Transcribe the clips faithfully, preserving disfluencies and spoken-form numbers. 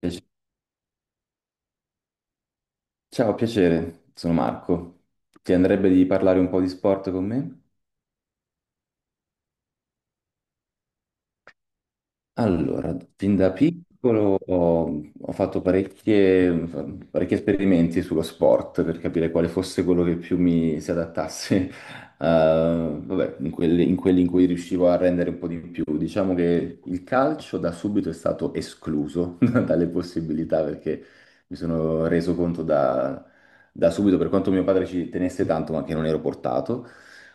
Piace- Ciao, piacere, sono Marco. Ti andrebbe di parlare un po' di sport con me? Allora, fin da piccolo ho, ho fatto parecchie- parecchi esperimenti sullo sport per capire quale fosse quello che più mi si adattasse, eh, vabbè, in quelli, in quelli in cui riuscivo a rendere un po' di più. Diciamo che il calcio da subito è stato escluso dalle possibilità perché mi sono reso conto da, da subito, per quanto mio padre ci tenesse tanto, ma che non ero portato.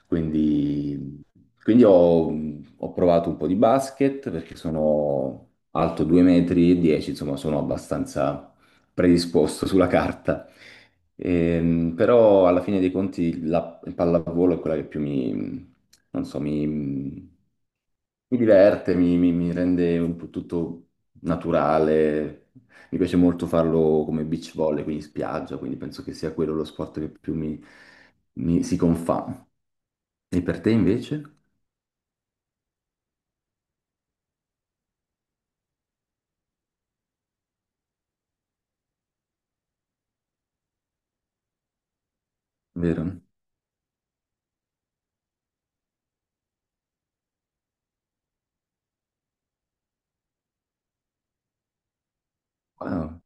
Quindi quindi ho, ho provato un po' di basket perché sono alto due metri e dieci, insomma sono abbastanza predisposto sulla carta. Ehm, però alla fine dei conti la il pallavolo è quella che più mi, non so, mi, mi, diverte, mi, mi- mi rende un po' tutto naturale. Mi piace molto farlo come beach volley, quindi in spiaggia, quindi penso che sia quello lo sport che più mi mi- si confà. E per te invece? Vero? Ah,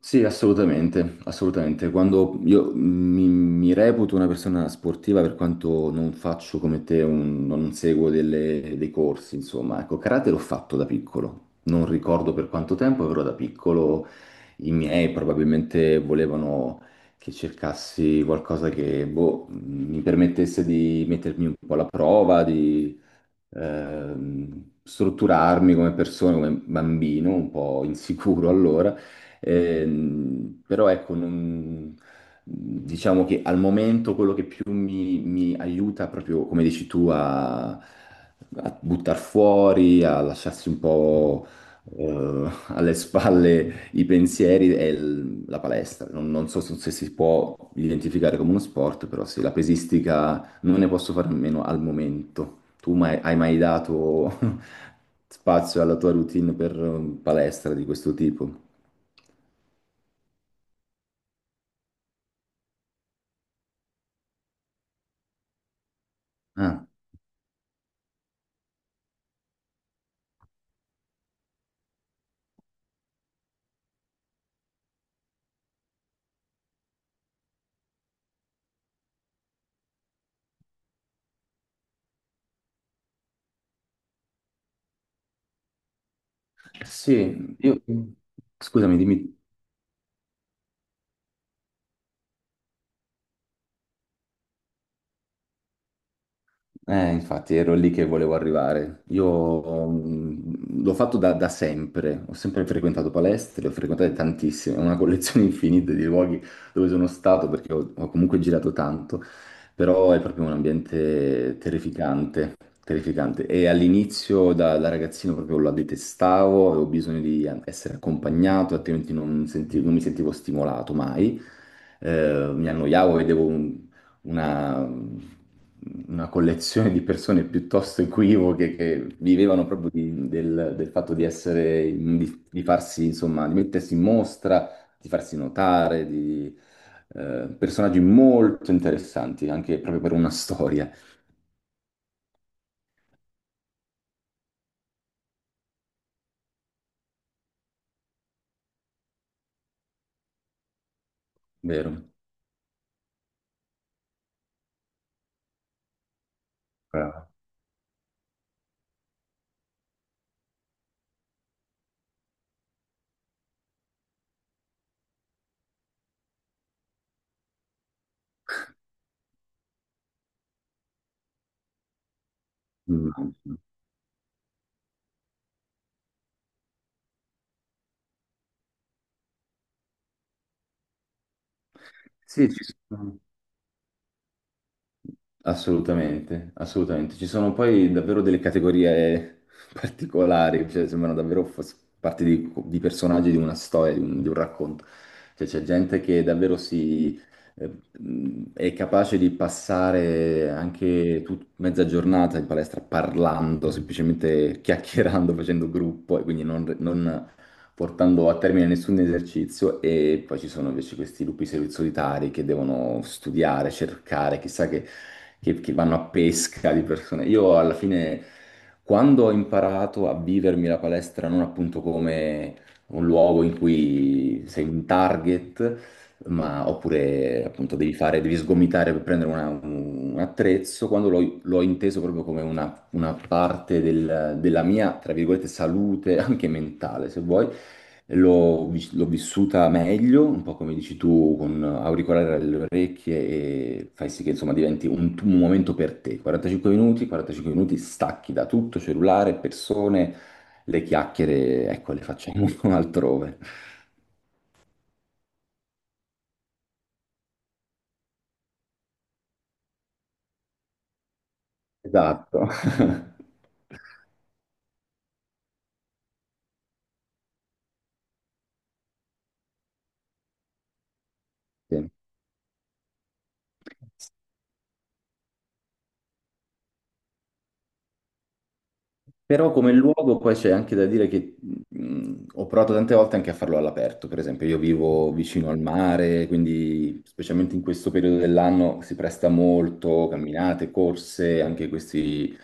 sì, assolutamente, assolutamente. Quando io mi, mi reputo una persona sportiva per quanto non faccio come te, un- non seguo delle- dei corsi, insomma, ecco, karate l'ho fatto da piccolo. Non ricordo per quanto tempo, però da piccolo i miei probabilmente volevano che cercassi qualcosa che boh, mi permettesse di mettermi un po' alla prova, ehm, strutturarmi come persona, come bambino, un po' insicuro allora, ehm, però ecco, non- diciamo che al momento quello che più mi, mi aiuta proprio, come dici tu, a, a buttar fuori, a lasciarsi un po' eh, alle spalle i pensieri è il- la palestra. Non, non so se se si può identificare come uno sport, però sì, la pesistica non ne posso fare a meno al momento. Tu mai- hai mai dato spazio alla tua routine per eh, palestra di questo tipo? Ah, sì, io... Scusami, dimmi. Eh, infatti ero lì che volevo arrivare. Io mm, l'ho fatto da, da sempre, ho sempre frequentato palestre, le ho frequentato tantissime, ho una collezione infinita di luoghi dove sono stato perché ho, ho comunque girato tanto, però è proprio un ambiente terrificante, terrificante. E all'inizio da, da ragazzino proprio la detestavo, avevo bisogno di essere accompagnato, altrimenti non senti- non mi sentivo stimolato mai eh, mi annoiavo, vedevo un- una, una collezione di persone piuttosto equivoche che vivevano proprio di- del, del fatto di essere, in- di, di farsi, insomma, di mettersi in mostra, di farsi notare, di eh, personaggi molto interessanti, anche proprio per una storia, vero? Brava. Immagino. Sì, ci sono. Assolutamente, assolutamente. Ci sono poi davvero delle categorie particolari, cioè sembrano davvero fos- parte di, di personaggi di una storia, di un, di un racconto. Cioè c'è gente che davvero si, eh, mh, è capace di passare anche tut- mezza giornata in palestra parlando, semplicemente chiacchierando, facendo gruppo e quindi non, portando a termine nessun esercizio e poi ci sono invece questi lupi soli- solitari che devono studiare, cercare, chissà che, che- che vanno a pesca di persone. Io alla fine, quando ho imparato a vivermi la palestra non appunto come un luogo in cui sei un target, ma oppure appunto devi fare, devi sgomitare per prendere una- un attrezzo, quando l'ho l'ho inteso proprio come una parte del- della mia, tra virgolette, salute, anche mentale, se vuoi. L'ho vi- l'ho vissuta meglio, un po' come dici tu, con auricolare alle orecchie e fai sì che insomma diventi un, tu- un momento per te. quarantacinque minuti, quarantacinque minuti stacchi da tutto, cellulare, persone, le chiacchiere, ecco, le facciamo altrove. Esatto. Sì. Però come luogo poi c'è anche da dire che mh, ho provato tante volte anche a farlo all'aperto, per esempio io vivo vicino al mare, quindi specialmente in questo periodo dell'anno si presta molto, camminate, corse, anche questi,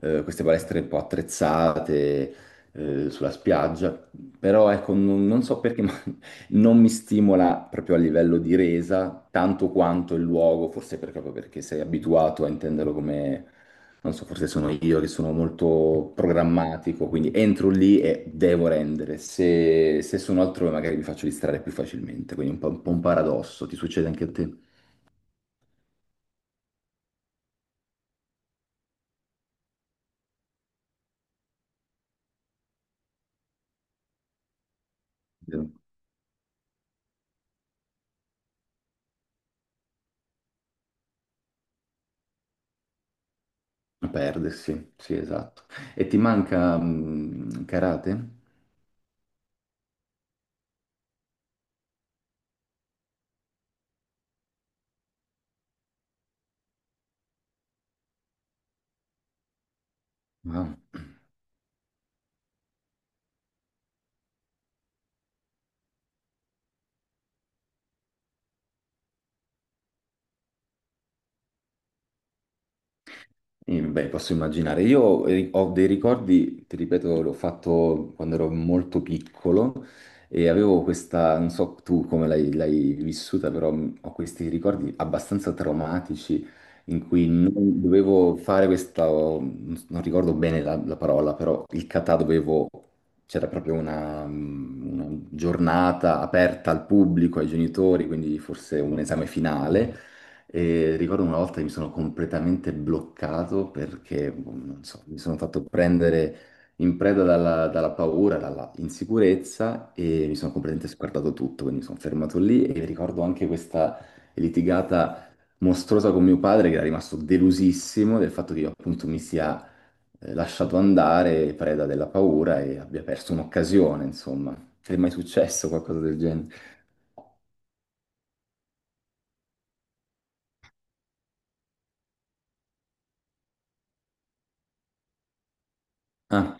eh, queste palestre un po' attrezzate eh, sulla spiaggia, però ecco non, non so perché non mi stimola proprio a livello di resa tanto quanto il luogo, forse per- proprio perché sei abituato a intenderlo come, non so, forse sono io che sono molto programmatico, quindi entro lì e devo rendere. Se, se sono altrove magari mi faccio distrarre più facilmente, quindi un po', un po' un paradosso, ti succede anche a te? Vero. A perdersi, sì, esatto. E ti manca mm, karate? Wow. Eh, beh, posso immaginare. Io eh, ho dei ricordi, ti ripeto, l'ho fatto quando ero molto piccolo e avevo questa, non so tu come l'hai l'hai vissuta, però mh, ho questi ricordi abbastanza traumatici in cui non dovevo fare questa, non non ricordo bene la, la parola, però il kata dovevo, c'era proprio una, mh, una giornata aperta al pubblico, ai genitori, quindi forse un esame finale. E ricordo una volta che mi sono completamente bloccato perché, boh, non so, mi sono fatto prendere in preda dalla, dalla paura, dalla insicurezza e mi sono completamente sguardato tutto, quindi mi sono fermato lì e ricordo anche questa litigata mostruosa con mio padre che era rimasto delusissimo del fatto che io appunto mi sia eh, lasciato andare preda della paura e abbia perso un'occasione, insomma. Ti è mai successo qualcosa del genere? Ah,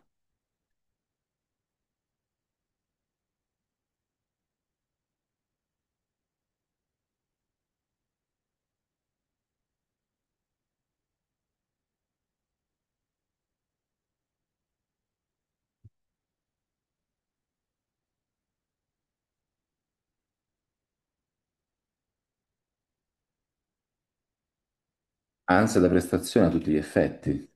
ansia da prestazione a tutti gli effetti.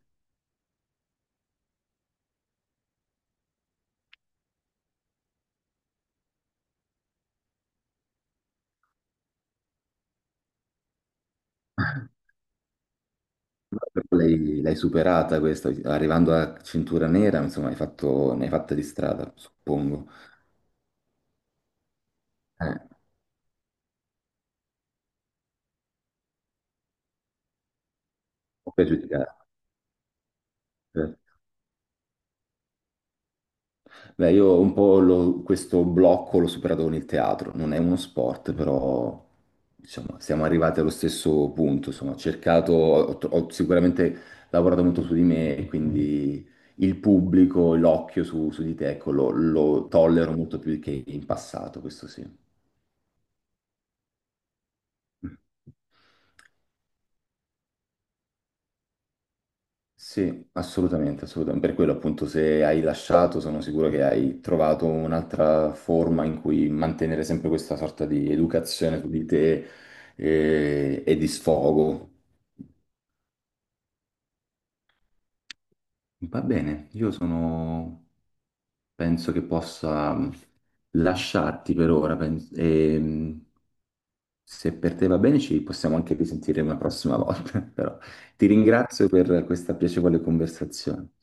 L'hai l'hai superata questa, arrivando a cintura nera, insomma, hai fatto, ne hai fatta di strada, suppongo. Eh, per giudicare. Eh. Beh, io un po' l'ho- questo blocco l'ho superato con il teatro, non è uno sport, però diciamo, siamo arrivati allo stesso punto, insomma, ho cercato, ho, ho sicuramente lavorato molto su di me, e quindi il pubblico, l'occhio su, su di te, ecco, lo, lo tollero molto più che in passato, questo sì. Sì, assolutamente, assolutamente. Per quello appunto se hai lasciato sono sicuro che hai trovato un'altra forma in cui mantenere sempre questa sorta di educazione su di te eh, e, di sfogo. Va bene, io sono... penso che possa mm, lasciarti per ora pen- e mh, se per te va bene ci possiamo anche risentire una prossima volta, però ti ringrazio per questa piacevole conversazione.